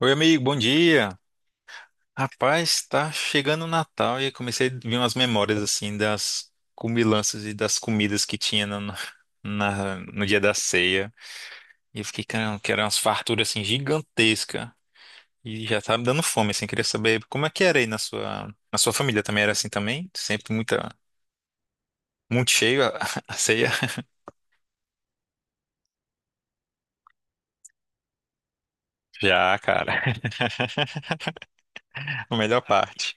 Oi, amigo, bom dia. Rapaz, tá chegando o Natal e comecei a vir umas memórias assim das comilanças e das comidas que tinha no dia da ceia. E eu fiquei, caramba, que eram umas farturas assim gigantescas. E já tava me dando fome, assim, queria saber como é que era aí na sua família também era assim também? Sempre muita, muito cheio a, a ceia? Já, cara. A melhor parte.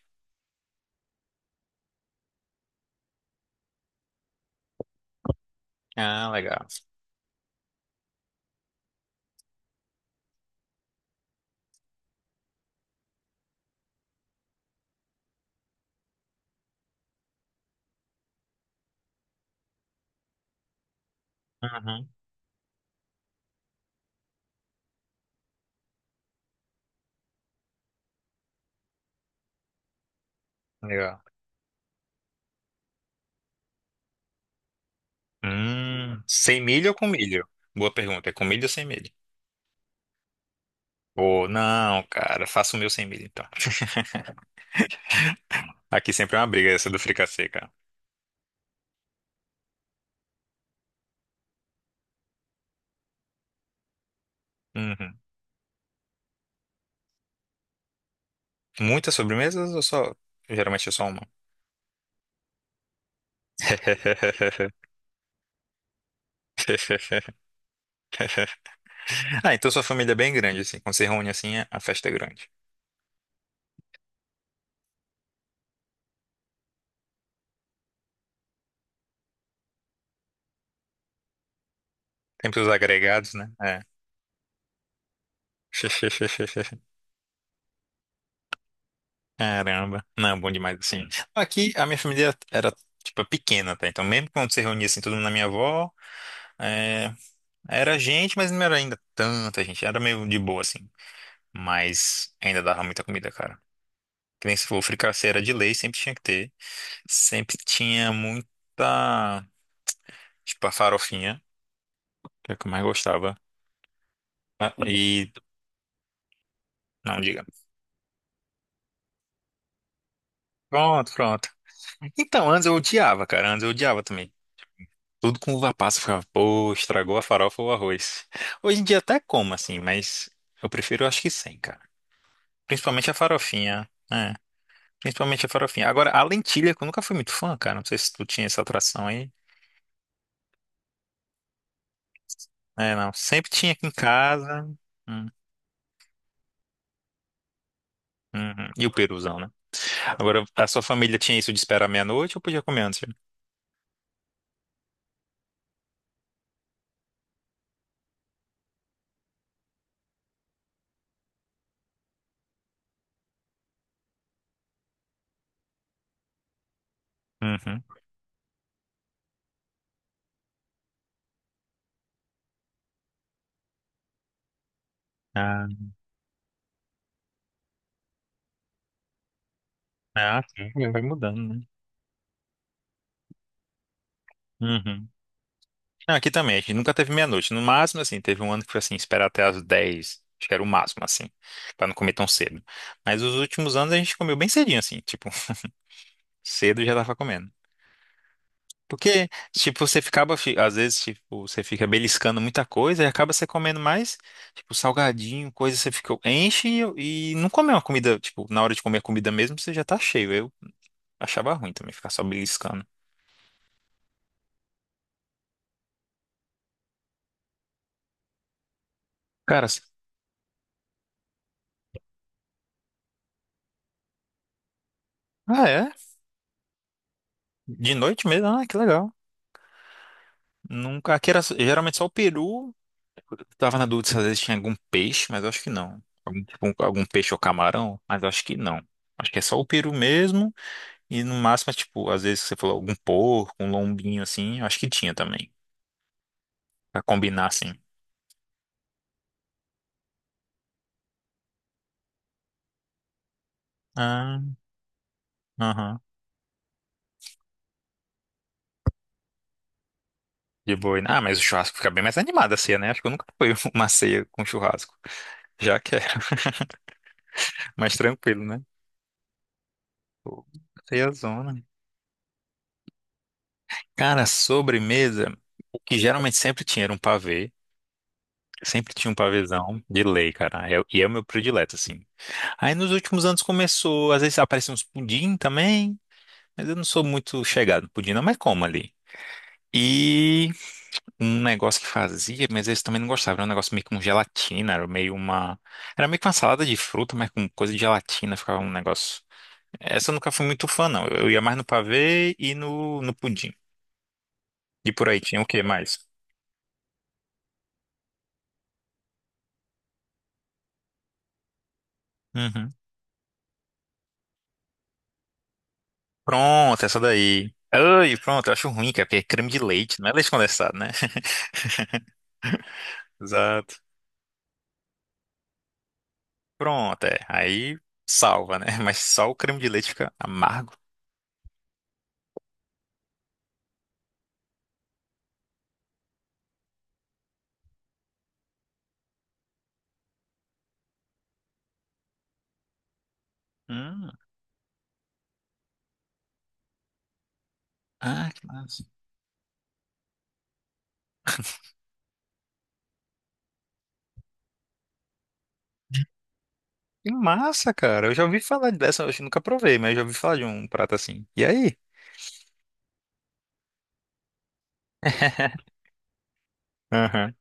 Ah, legal. Uhum, legal. Sem milho ou com milho? Boa pergunta. É com milho ou sem milho? Ou não, cara, faço o meu sem milho então. Aqui sempre é uma briga essa do fricassê, cara. Uhum. Muitas sobremesas ou só? Geralmente é só uma. Ah, então sua família é bem grande, assim. Quando se reúne assim, a festa é grande. Sempre os agregados, né? É. Caramba. Não, bom demais, assim. Aqui a minha família era, tipo, pequena, tá? Então, mesmo quando se reunia assim, todo mundo na minha avó. é, Era gente, mas não era ainda tanta gente. Era meio de boa, assim. Mas ainda dava muita comida, cara. Que nem se for fricassê era de lei, sempre tinha que ter. Sempre tinha muita. Tipo, a farofinha, que é o que eu mais gostava. Ah, E. Não, diga. Pronto, pronto. Então, antes eu odiava, cara. Antes eu odiava também. Tudo com uva passa, eu ficava, pô, estragou a farofa ou o arroz. Hoje em dia até como, assim, mas eu prefiro, acho que sem, cara. Principalmente a farofinha, né? Principalmente a farofinha. Agora, a lentilha, que eu nunca fui muito fã, cara. Não sei se tu tinha essa atração aí. É, não. Sempre tinha aqui em casa. Hum, uhum. E o peruzão, né? Agora, a sua família tinha isso de esperar meia-noite ou podia comer antes? Viu? Uhum. Ah, ah, sim, vai mudando, né? Uhum. Não, aqui também, a gente nunca teve meia-noite. No máximo, assim, teve um ano que foi assim, esperar até as 10. Acho que era o máximo, assim, pra não comer tão cedo. Mas os últimos anos a gente comeu bem cedinho, assim, tipo, cedo já tava comendo. Porque, tipo, você ficava, às vezes, tipo, você fica beliscando muita coisa e acaba você comendo mais, tipo, salgadinho, coisa, você fica, enche e não come uma comida, tipo, na hora de comer a comida mesmo, você já tá cheio. Eu achava ruim também ficar só beliscando. Cara, ah, é? De noite mesmo? Ah, que legal. Nunca, aqui era geralmente só o peru. Tava na dúvida se às vezes tinha algum peixe, mas eu acho que não. Algum, tipo, algum peixe ou camarão, mas eu acho que não. Acho que é só o peru mesmo. E no máximo, é, tipo, às vezes você falou algum porco, um lombinho assim, eu acho que tinha também. Pra combinar assim. Ah, aham. De boi, né? Ah, mas o churrasco fica bem mais animado a ceia, né? Acho que eu nunca fui uma ceia com churrasco. Já quero. Mais tranquilo, né? Pô, ceia zona. Cara, sobremesa, o que geralmente sempre tinha era um pavê. Sempre tinha um pavêzão de lei, cara. E é o meu predileto, assim. Aí nos últimos anos começou, às vezes apareciam uns pudim também, mas eu não sou muito chegado no pudim, não, mas como ali. E um negócio que fazia, mas eles também não gostavam. Era um negócio meio com gelatina, era meio uma. Era meio que uma salada de fruta, mas com coisa de gelatina, ficava um negócio. Essa eu nunca fui muito fã, não. Eu ia mais no pavê e no, no pudim. E por aí tinha o que mais? Uhum. Pronto, essa daí. Ai, pronto, eu acho ruim, cara, porque é creme de leite, não é leite condensado, né? Exato. Pronto, é. Aí salva, né? Mas só o creme de leite fica amargo. Hum. Ah, que massa. Que massa, cara. Eu já ouvi falar dessa, eu acho que nunca provei, mas eu já ouvi falar de um prato assim. E aí? Aham.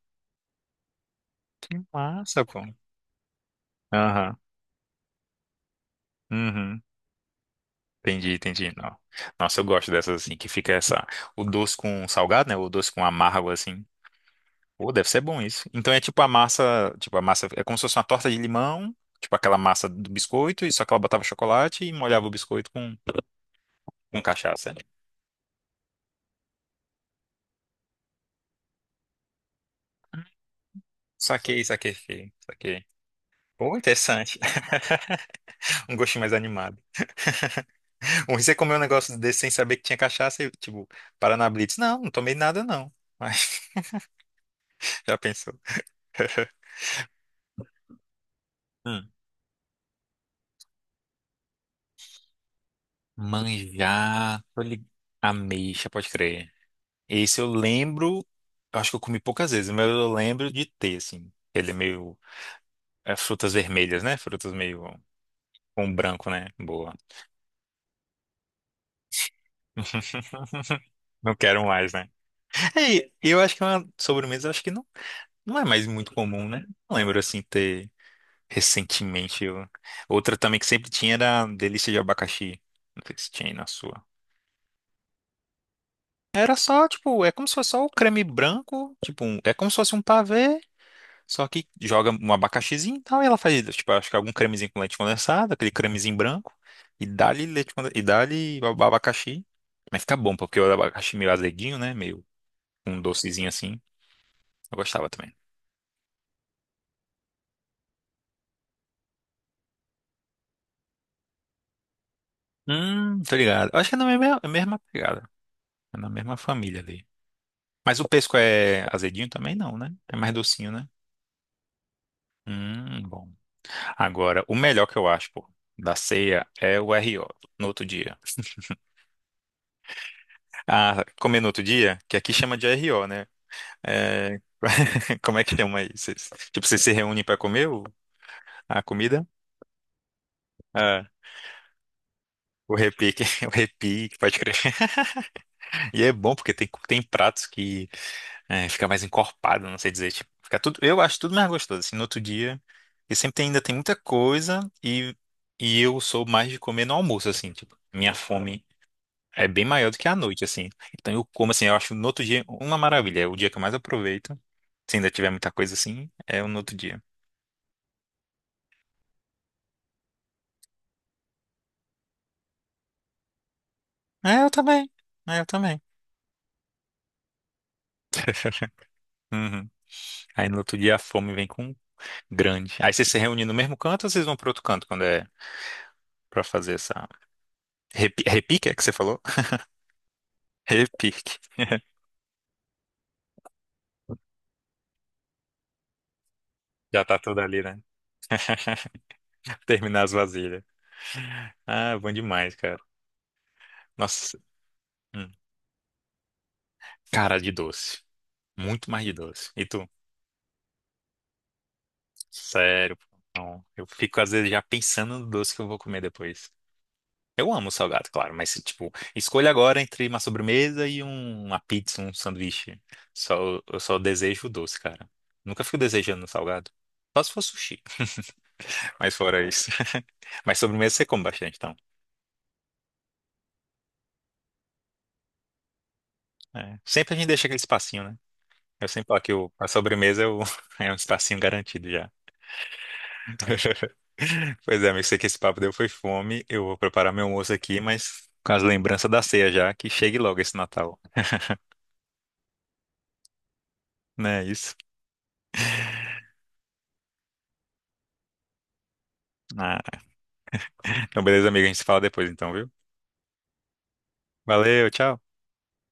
Que massa, pô. Aham. Uhum. Entendi, entendi. Não. Nossa, eu gosto dessas assim, que fica essa, o doce com salgado, né? O doce com amargo, assim. Pô, deve ser bom isso. Então é tipo a massa, é como se fosse uma torta de limão, tipo aquela massa do biscoito, e só que ela botava chocolate e molhava o biscoito com cachaça, né? Saquei, saquei, saquei, saquei. Pô, interessante. Um gostinho mais animado. Ou você comeu um negócio desse sem saber que tinha cachaça e, tipo, Paraná Blitz. Não, não tomei nada não. Mas já pensou. Hum. Manjar, ameixa, pode crer. Esse eu lembro, eu acho que eu comi poucas vezes, mas eu lembro de ter, assim. Ele é meio as frutas vermelhas, né? Frutas meio com branco, né? Boa. Não quero mais, né? É, e eu acho que é uma sobremesa, acho que não, não é mais muito comum, né? Não lembro assim ter recentemente. Outra também que sempre tinha era a delícia de abacaxi. Não sei se tinha aí na sua. Era só, tipo, é como se fosse só o creme branco, tipo, é como se fosse um pavê. Só que joga um abacaxizinho e tal, e ela faz, tipo, acho que algum cremezinho com leite condensado, aquele cremezinho branco, e dá-lhe leite condensado, e dá-lhe o abacaxi. Mas fica bom, porque o abacaxi meio azeduinho, né? Meio um docezinho assim. Eu gostava também. Tô ligado. Eu acho que é na mesma, mesma pegada. É na mesma família ali. Mas o pesco é azedinho também não, né? É mais docinho, né? Bom. Agora, o melhor que eu acho, pô, da ceia é o RO, no outro dia. Ah, comer no outro dia, que aqui chama de RO, né? É, como é que chama aí? Vocês- tipo, vocês se reúnem pra comer a comida? Ah, o repique, o repique, pode crer. E é bom porque tem, tem pratos que é, fica mais encorpado, não sei dizer. Tipo, fica tudo, eu acho tudo mais gostoso. Assim, no outro dia, e sempre ainda tem muita coisa e eu sou mais de comer no almoço, assim, tipo, minha fome é bem maior do que à noite, assim. Então eu como, assim, eu acho no outro dia uma maravilha. É o dia que eu mais aproveito. Se ainda tiver muita coisa assim, é o no outro dia. É, eu também. É, eu também. Uhum. Aí no outro dia a fome vem com grande. Aí vocês se reúnem no mesmo canto ou vocês vão para outro canto quando é para fazer essa repique, é que você falou? Repique. Já tá tudo ali, né? Terminar as vasilhas. Ah, bom demais, cara. Nossa, hum. Cara de doce. Muito mais de doce. E tu? Sério, pô. Não. Eu fico às vezes já pensando no doce que eu vou comer depois. Eu amo salgado, claro, mas tipo, escolha agora entre uma sobremesa e uma pizza, um sanduíche. Só, eu só desejo o doce, cara. Nunca fico desejando salgado. Só se for sushi, mas fora isso. Mas sobremesa você come bastante, então. É. Sempre a gente deixa aquele espacinho, né? Eu sempre falo que a sobremesa é, é um espacinho garantido já. Pois é, amigo, sei que esse papo deu foi fome. Eu vou preparar meu almoço aqui, mas com as lembranças da ceia já, que chegue logo esse Natal. Não é isso? Ah, então, beleza, amigo, a gente se fala depois, então, viu? Valeu, tchau.